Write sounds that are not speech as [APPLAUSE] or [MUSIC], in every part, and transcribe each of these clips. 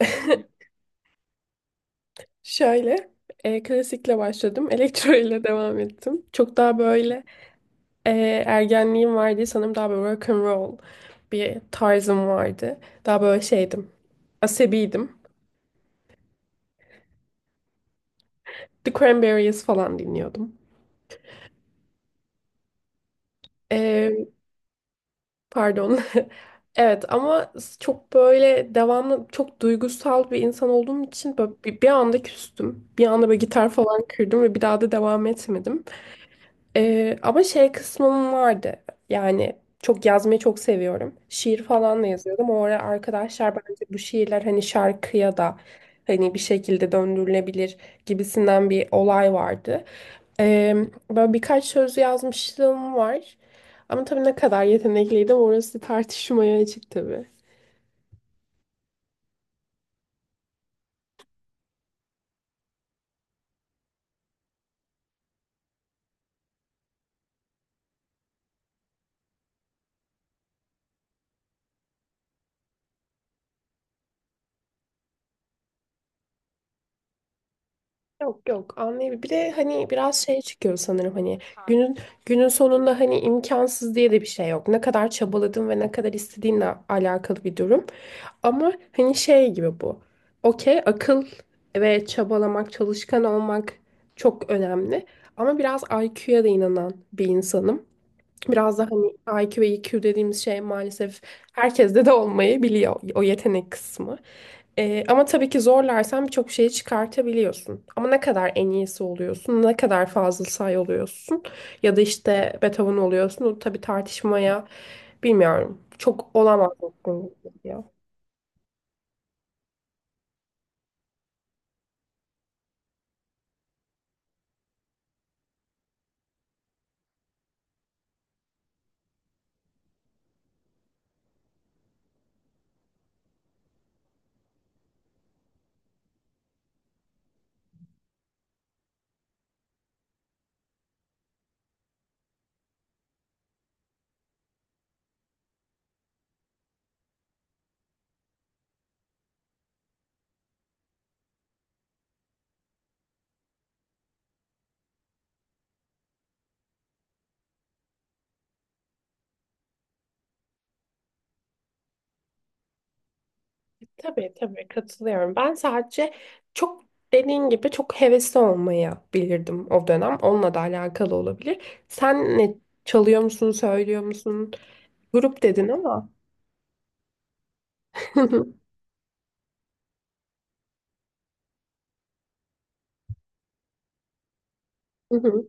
[LAUGHS] Şöyle, klasikle başladım. [LAUGHS] Elektro ile devam ettim. Çok daha böyle e, ergenliğim vardı. Sanırım daha böyle rock and roll bir tarzım vardı. Daha böyle şeydim. Asabiydim. The Cranberries falan dinliyordum. E, pardon. [LAUGHS] Evet ama çok böyle devamlı çok duygusal bir insan olduğum için böyle bir anda küstüm. Bir anda böyle gitar falan kırdım ve bir daha da devam etmedim. Ama şey kısmım vardı. Yani çok yazmayı çok seviyorum. Şiir falan da yazıyordum. O ara arkadaşlar bence bu şiirler hani şarkıya da hani bir şekilde döndürülebilir gibisinden bir olay vardı. Ee, böyle birkaç söz yazmışlığım var. Ama tabii ne kadar yetenekliydim orası tartışmaya açık tabii. Yok, yok, anlayabilirim. Bir de hani biraz şey çıkıyor sanırım hani günün günün sonunda hani imkansız diye de bir şey yok. Ne kadar çabaladın ve ne kadar istediğinle alakalı bir durum. Ama hani şey gibi bu. Okey, akıl ve çabalamak, çalışkan olmak çok önemli. Ama biraz IQ'ya da inanan bir insanım. Biraz da hani IQ ve EQ dediğimiz şey maalesef herkeste de olmayabiliyor o yetenek kısmı. Ama tabii ki zorlarsan birçok şeyi çıkartabiliyorsun. Ama ne kadar en iyisi oluyorsun, ne kadar Fazıl Say oluyorsun ya da işte Beethoven oluyorsun. O tabii tartışmaya bilmiyorum. Çok olamaz. Tabii, tabii, katılıyorum. Ben sadece çok dediğin gibi çok hevesli olmayabilirdim o dönem. Onunla da alakalı olabilir. Sen ne çalıyor musun, söylüyor musun? Grup dedin ama. [LAUGHS] Hı hı.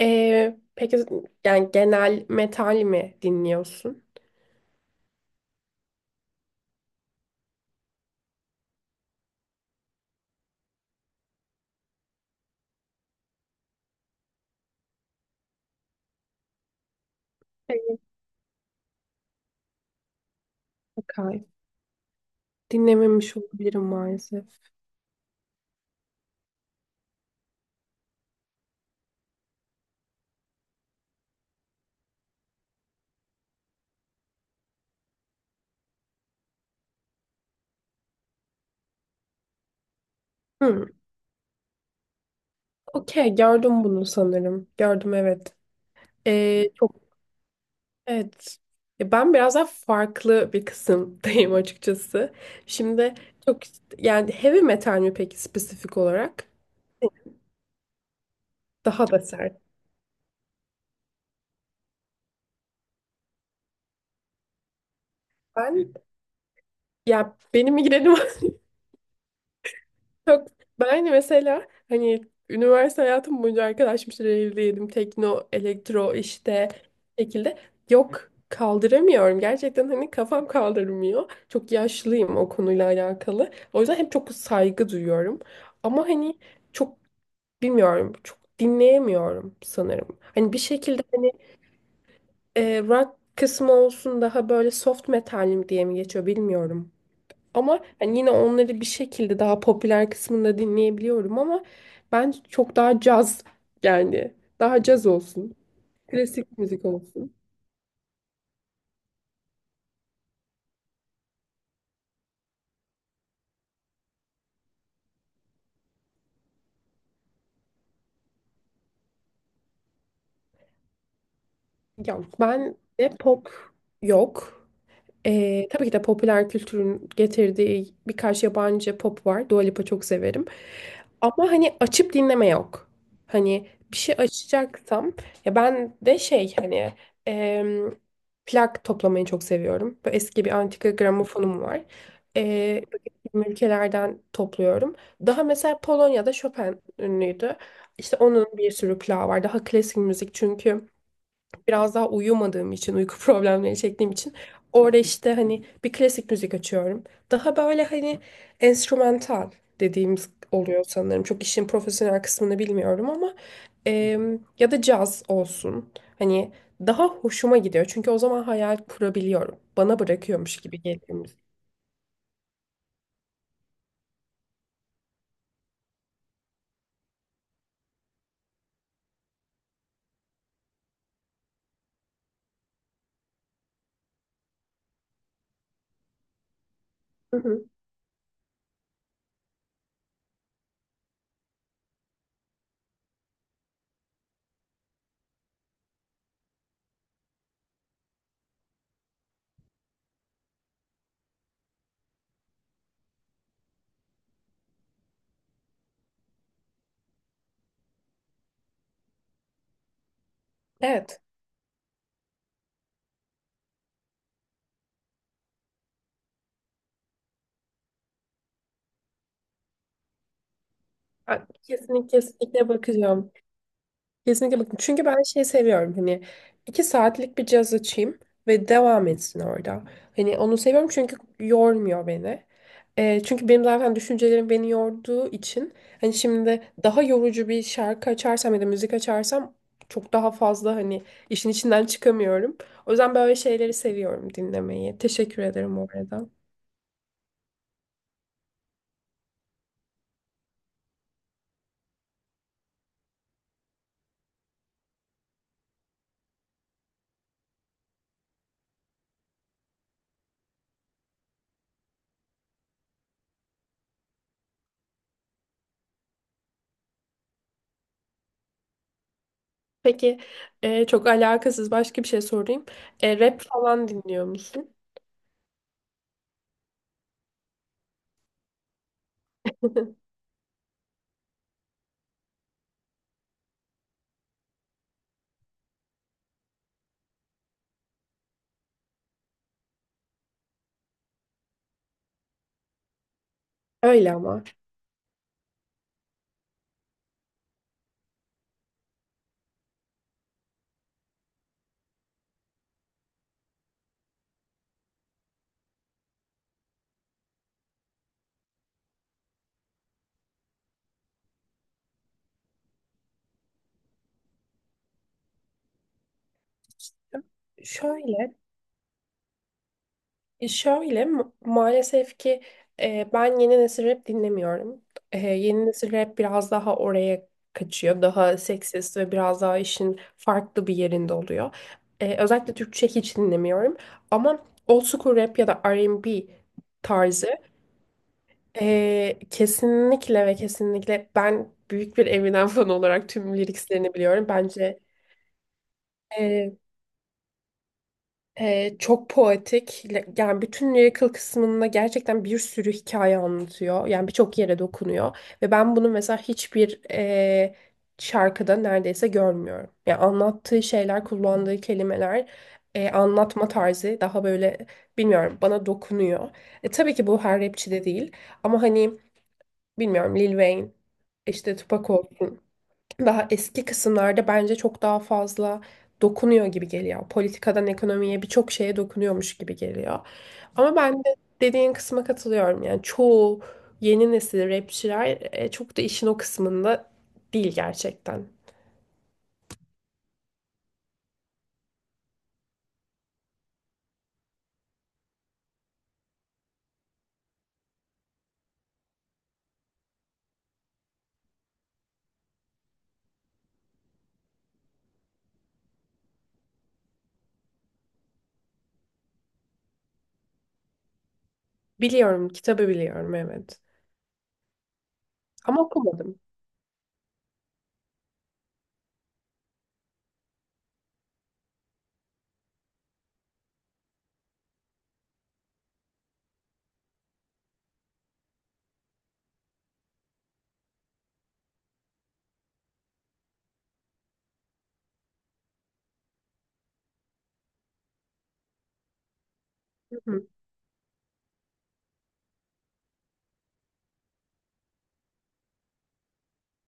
Peki yani genel metal mi dinliyorsun? Hayır. Okay. Dinlememiş olabilirim maalesef. Hı. Okey, gördüm bunu sanırım. Gördüm, evet. Ee, Evet. Ya ben biraz daha farklı bir kısımdayım [LAUGHS] açıkçası. Şimdi çok işte, yani heavy metal mi peki spesifik olarak? Daha da sert. Ben Ya benim migrenim [LAUGHS] çok. Ben hani, mesela hani üniversite hayatım boyunca arkadaşım işte evliydim. Tekno, elektro işte şekilde yok kaldıramıyorum. Gerçekten hani kafam kaldırmıyor. Çok yaşlıyım o konuyla alakalı. O yüzden hep çok saygı duyuyorum. Ama hani çok bilmiyorum çok dinleyemiyorum sanırım. Hani bir şekilde hani rock kısmı olsun daha böyle soft metal mi diye mi geçiyor bilmiyorum. Ama hani yine onları bir şekilde daha popüler kısmında dinleyebiliyorum ama ben çok daha caz yani daha caz olsun. Klasik müzik olsun. Ya ben de pop yok. Tabii ki de popüler kültürün getirdiği birkaç yabancı pop var. Dua Lipa çok severim. Ama hani açıp dinleme yok. Hani bir şey açacaksam ya ben de şey hani em, plak toplamayı çok seviyorum. Böyle eski bir antika gramofonum var. E, ülkelerden topluyorum. Daha mesela Polonya'da Chopin ünlüydü. İşte onun bir sürü plağı var. Daha klasik müzik çünkü biraz daha uyumadığım için, uyku [LAUGHS] problemleri çektiğim için orada işte hani bir klasik müzik açıyorum. Daha böyle hani enstrümantal dediğimiz oluyor sanırım. Çok işin profesyonel kısmını bilmiyorum ama ya da caz olsun. Hani daha hoşuma gidiyor. Çünkü o zaman hayal kurabiliyorum. Bana bırakıyormuş gibi geliyor müzik. Hı hı. Evet. Ben kesinlikle, kesinlikle bakacağım. Kesinlikle bakın. Çünkü ben şey seviyorum hani iki saatlik bir caz açayım ve devam etsin orada. Hani onu seviyorum çünkü yormuyor beni. Çünkü benim zaten düşüncelerim beni yorduğu için hani şimdi daha yorucu bir şarkı açarsam ya da müzik açarsam çok daha fazla hani işin içinden çıkamıyorum. O yüzden böyle şeyleri seviyorum dinlemeyi. Teşekkür ederim bu arada. Peki, çok alakasız başka bir şey sorayım. Rap falan dinliyor musun? [LAUGHS] Öyle ama. Şöyle E, Şöyle ma- maalesef ki ben yeni nesil rap dinlemiyorum. Yeni nesil rap biraz daha oraya kaçıyor. Daha seksist ve biraz daha işin farklı bir yerinde oluyor. Özellikle Türkçe hiç dinlemiyorum. Ama old school rap ya da R&B tarzı kesinlikle ve kesinlikle ben büyük bir Eminem [LAUGHS] fanı olarak tüm liriklerini biliyorum. Bence e, çok poetik. Yani bütün lyrical kısmında gerçekten bir sürü hikaye anlatıyor. Yani birçok yere dokunuyor. Ve ben bunu mesela hiçbir şarkıda neredeyse görmüyorum. Yani anlattığı şeyler, kullandığı kelimeler, anlatma tarzı daha böyle bilmiyorum bana dokunuyor. Tabii ki bu her rapçi de değil. Ama hani bilmiyorum Lil Wayne, işte Tupac olsun daha eski kısımlarda bence çok daha fazla dokunuyor gibi geliyor. Politikadan ekonomiye birçok şeye dokunuyormuş gibi geliyor. Ama ben de dediğin kısma katılıyorum. Yani çoğu yeni nesil rapçiler çok da işin o kısmında değil gerçekten. Biliyorum, kitabı biliyorum, evet. Ama okumadım.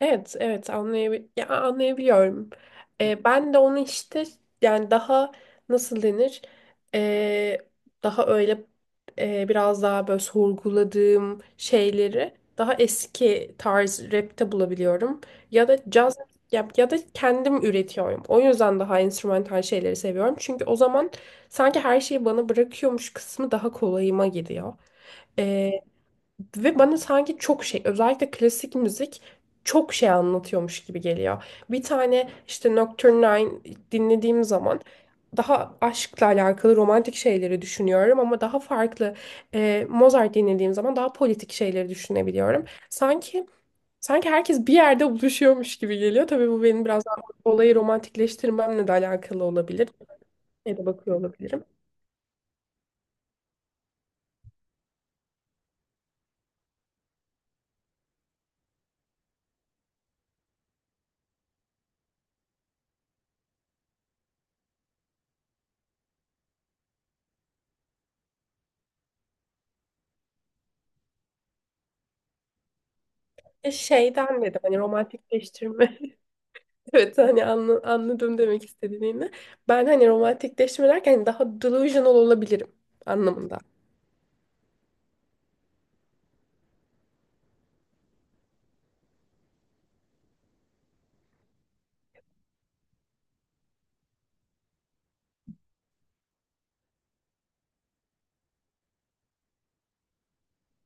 Evet, evet, anlayabiliyorum. Ben de onu işte yani daha nasıl denir? Ee, daha öyle biraz daha böyle sorguladığım şeyleri daha eski tarz rapte bulabiliyorum. Ya da caz ya da kendim üretiyorum. O yüzden daha enstrümantal şeyleri seviyorum. Çünkü o zaman sanki her şeyi bana bırakıyormuş kısmı daha kolayıma gidiyor. Ve bana sanki çok şey özellikle klasik müzik çok şey anlatıyormuş gibi geliyor. Bir tane işte Nocturne Nine dinlediğim zaman daha aşkla alakalı romantik şeyleri düşünüyorum ama daha farklı, Mozart dinlediğim zaman daha politik şeyleri düşünebiliyorum. Sanki sanki herkes bir yerde buluşuyormuş gibi geliyor. Tabii bu benim biraz daha olayı romantikleştirmemle de alakalı olabilir. Ya da bakıyor olabilirim. Şeyden dedim hani romantikleştirme. [LAUGHS] Evet, hani anladım demek istediğini. Ben hani romantikleştirme derken hani daha delusional olabilirim anlamında.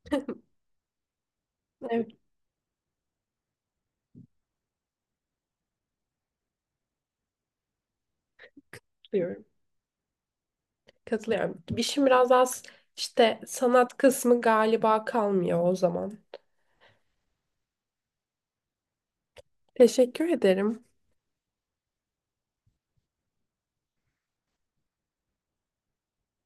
[LAUGHS] Evet, diyorum. Katılıyorum. İşim biraz az işte sanat kısmı galiba kalmıyor o zaman. Teşekkür ederim.